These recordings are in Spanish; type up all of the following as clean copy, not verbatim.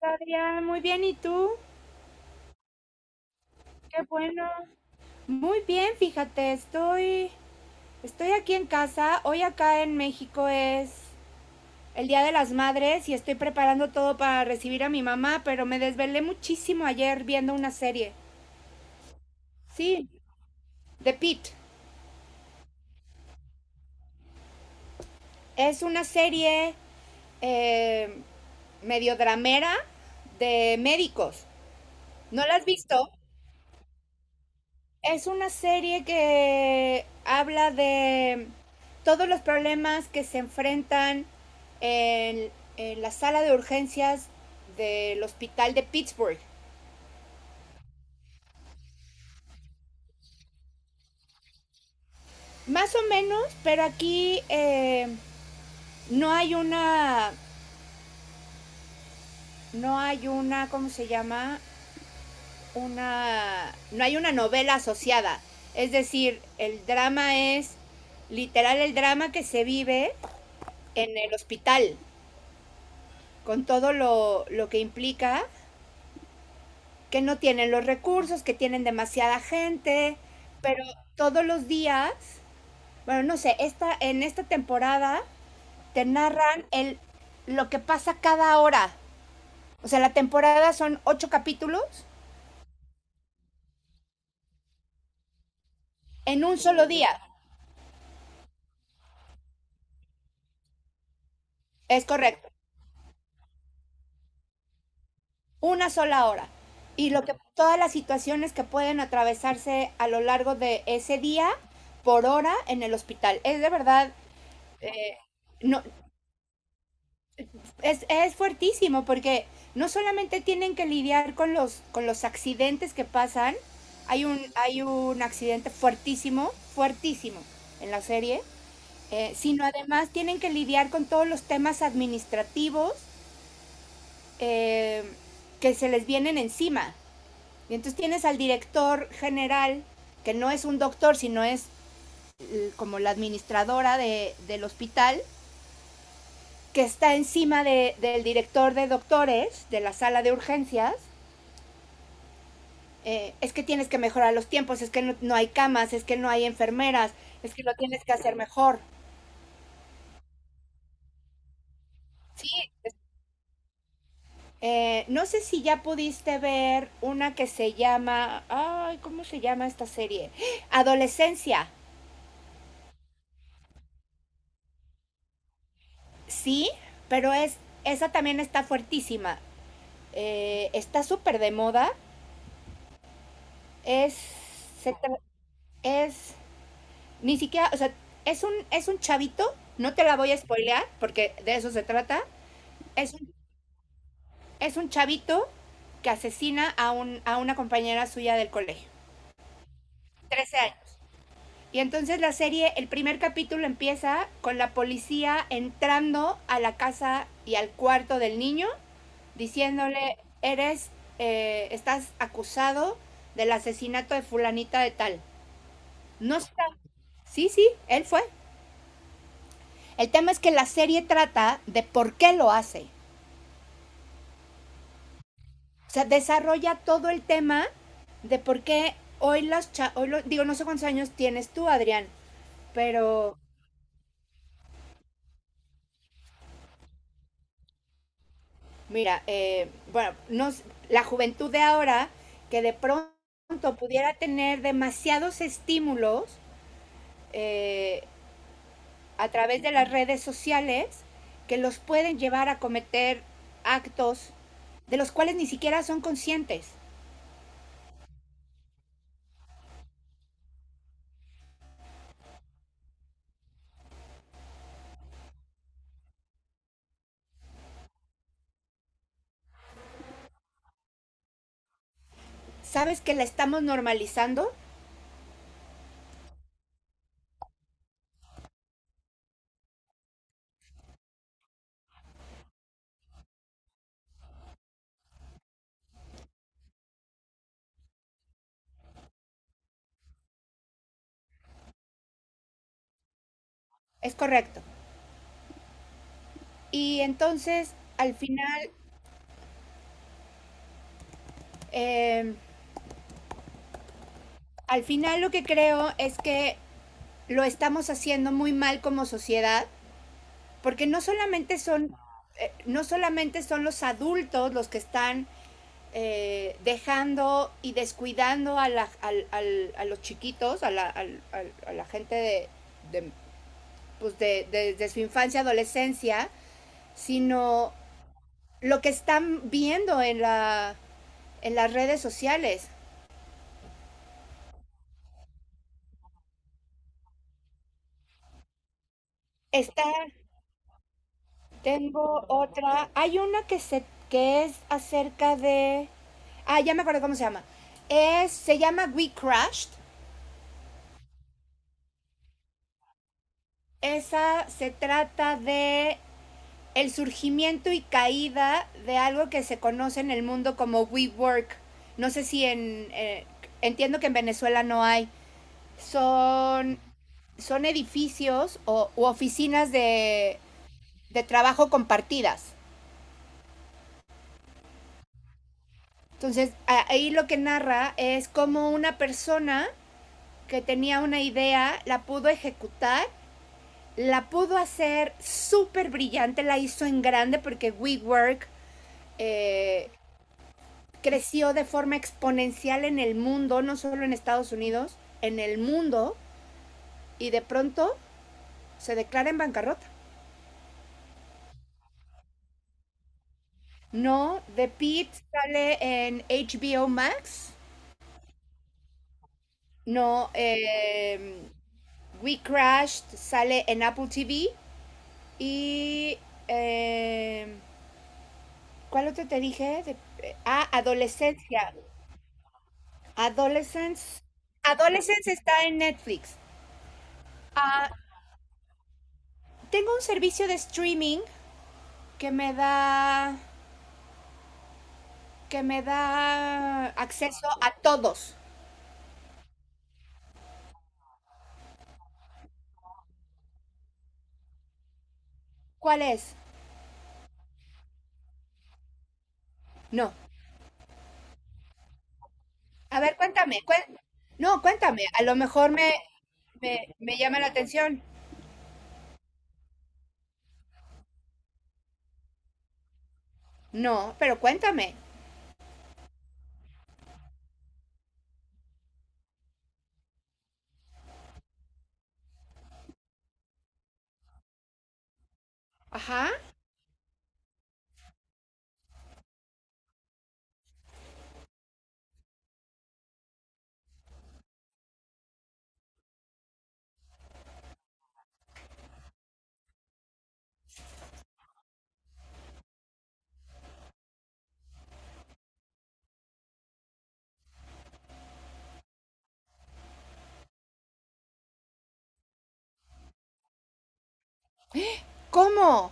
Adrián, muy bien, ¿y tú? Qué bueno. Muy bien, fíjate, estoy aquí en casa. Hoy acá en México es el Día de las Madres y estoy preparando todo para recibir a mi mamá, pero me desvelé muchísimo ayer viendo una serie. Sí, The Pitt. Es una serie eh, medio dramera de médicos. ¿No la has visto? Es una serie que habla de todos los problemas que se enfrentan en, en la sala de urgencias del hospital de Pittsburgh. Más o menos, pero aquí no hay una, no hay una, ¿cómo se llama? Una, no hay una novela asociada. Es decir, el drama es literal el drama que se vive en el hospital, con todo lo que implica que no tienen los recursos, que tienen demasiada gente, pero todos los días, bueno, no sé, en esta temporada te narran lo que pasa cada hora. O sea, la temporada son ocho capítulos en un solo día. Es correcto, una sola hora. Y lo que, todas las situaciones que pueden atravesarse a lo largo de ese día por hora en el hospital. Es de verdad, eh, no, es fuertísimo porque no solamente tienen que lidiar con con los accidentes que pasan, hay un accidente fuertísimo, fuertísimo en la serie, sino además tienen que lidiar con todos los temas administrativos eh, que se les vienen encima. Y entonces tienes al director general, que no es un doctor, sino es como la administradora del hospital, que está encima del director de doctores de la sala de urgencias, es que tienes que mejorar los tiempos, es que no hay camas, es que no hay enfermeras, es que lo tienes que hacer mejor. Sí, no sé si ya pudiste ver una que se llama, ay, ¿cómo se llama esta serie? Adolescencia, sí, pero es, esa también está fuertísima, está súper de moda, es, se tra- es, ni siquiera, o sea, es un chavito, no te la voy a spoilear porque de eso se trata, es un Es un chavito que asesina a una compañera suya del colegio. Trece años. Y entonces la serie, el primer capítulo empieza con la policía entrando a la casa y al cuarto del niño, diciéndole, estás acusado del asesinato de fulanita de tal. No está. Sí, sí, él fue. El tema es que la serie trata de por qué lo hace. O sea, desarrolla todo el tema de por qué hoy las cha digo, no sé cuántos años tienes tú, Adrián, pero mira, bueno, no, la juventud de ahora, que de pronto pudiera tener demasiados estímulos eh, a través de las redes sociales que los pueden llevar a cometer actos de los cuales ni siquiera son conscientes. ¿Sabes que la estamos normalizando? Es correcto. Y entonces, eh, al final lo que creo es que lo estamos haciendo muy mal como sociedad, porque no solamente son los adultos los que están dejando y descuidando a los chiquitos, a la gente de, pues de su infancia, adolescencia, sino lo que están viendo en las redes sociales. Están Tengo otra. Hay una que se que es acerca de. Ah, ya me acuerdo cómo se llama. Se llama We Crashed. Esa se trata de el surgimiento y caída de algo que se conoce en el mundo como WeWork. No sé si en. Entiendo que en Venezuela no hay. Son, son edificios o u oficinas de trabajo compartidas. Entonces, ahí lo que narra es cómo una persona que tenía una idea, la pudo ejecutar, la pudo hacer súper brillante, la hizo en grande porque WeWork eh, creció de forma exponencial en el mundo, no solo en Estados Unidos, en el mundo, y de pronto se declara en bancarrota. No, The Pit sale en HBO Max. No, We Crashed sale en Apple TV. Y eh, ¿Cuál otro te dije? Adolescencia. Adolescence. Adolescence está en Netflix. Ah, tengo un servicio de streaming que me da que me da acceso a todos. ¿Cuál es? No. A ver, cuéntame. Cuen- no, cuéntame. A lo mejor me llama la atención. No, pero cuéntame. Ajá. ¿Cómo?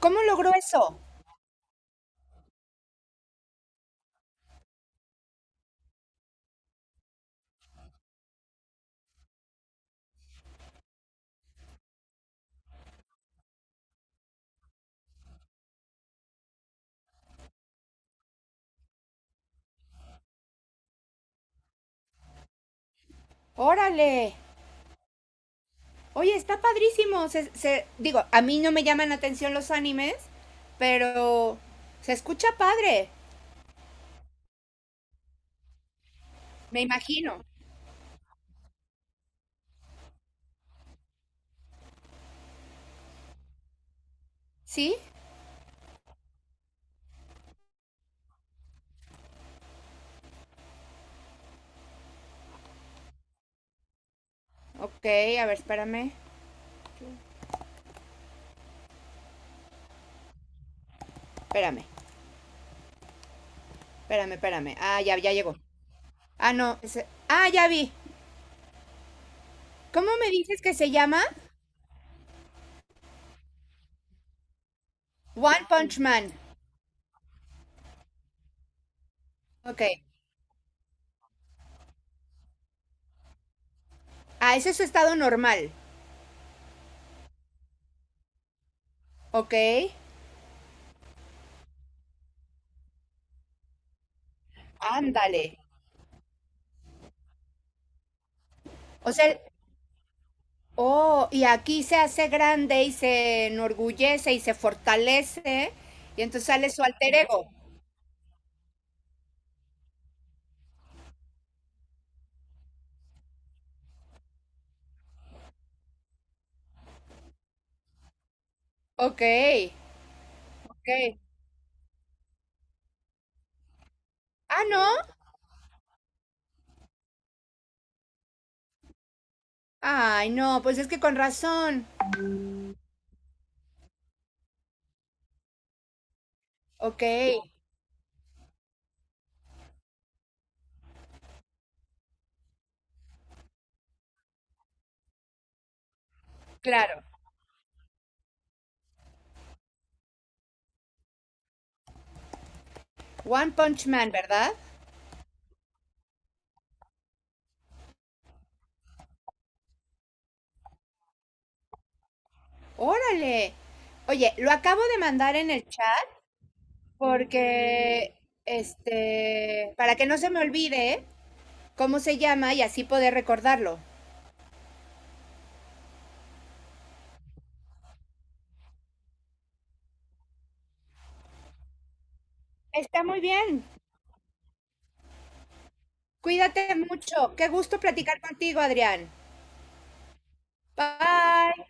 ¿Cómo logró eso? Órale. Oye, está padrísimo. Digo, a mí no me llaman la atención los animes, pero se escucha padre, me imagino. ¿Sí? Ok, a ver, espérame. Espérame, espérame. Ah, ya, ya llegó. Ah, no. Ya vi. ¿Cómo me dices que se llama? One Punch Man. Ok. Ah, ese es su estado normal. Ok. Ándale. O sea, el- oh, y aquí se hace grande y se enorgullece y se fortalece. Y entonces sale su alter ego. Ok, ok. Ah, ¿no? Ay, no, pues es que con razón. Ok, claro. One Punch Man, ¿verdad? Órale. Oye, lo acabo de mandar en el chat porque, este, para que no se me olvide cómo se llama y así poder recordarlo. Está muy bien. Cuídate mucho. Qué gusto platicar contigo, Adrián. Bye.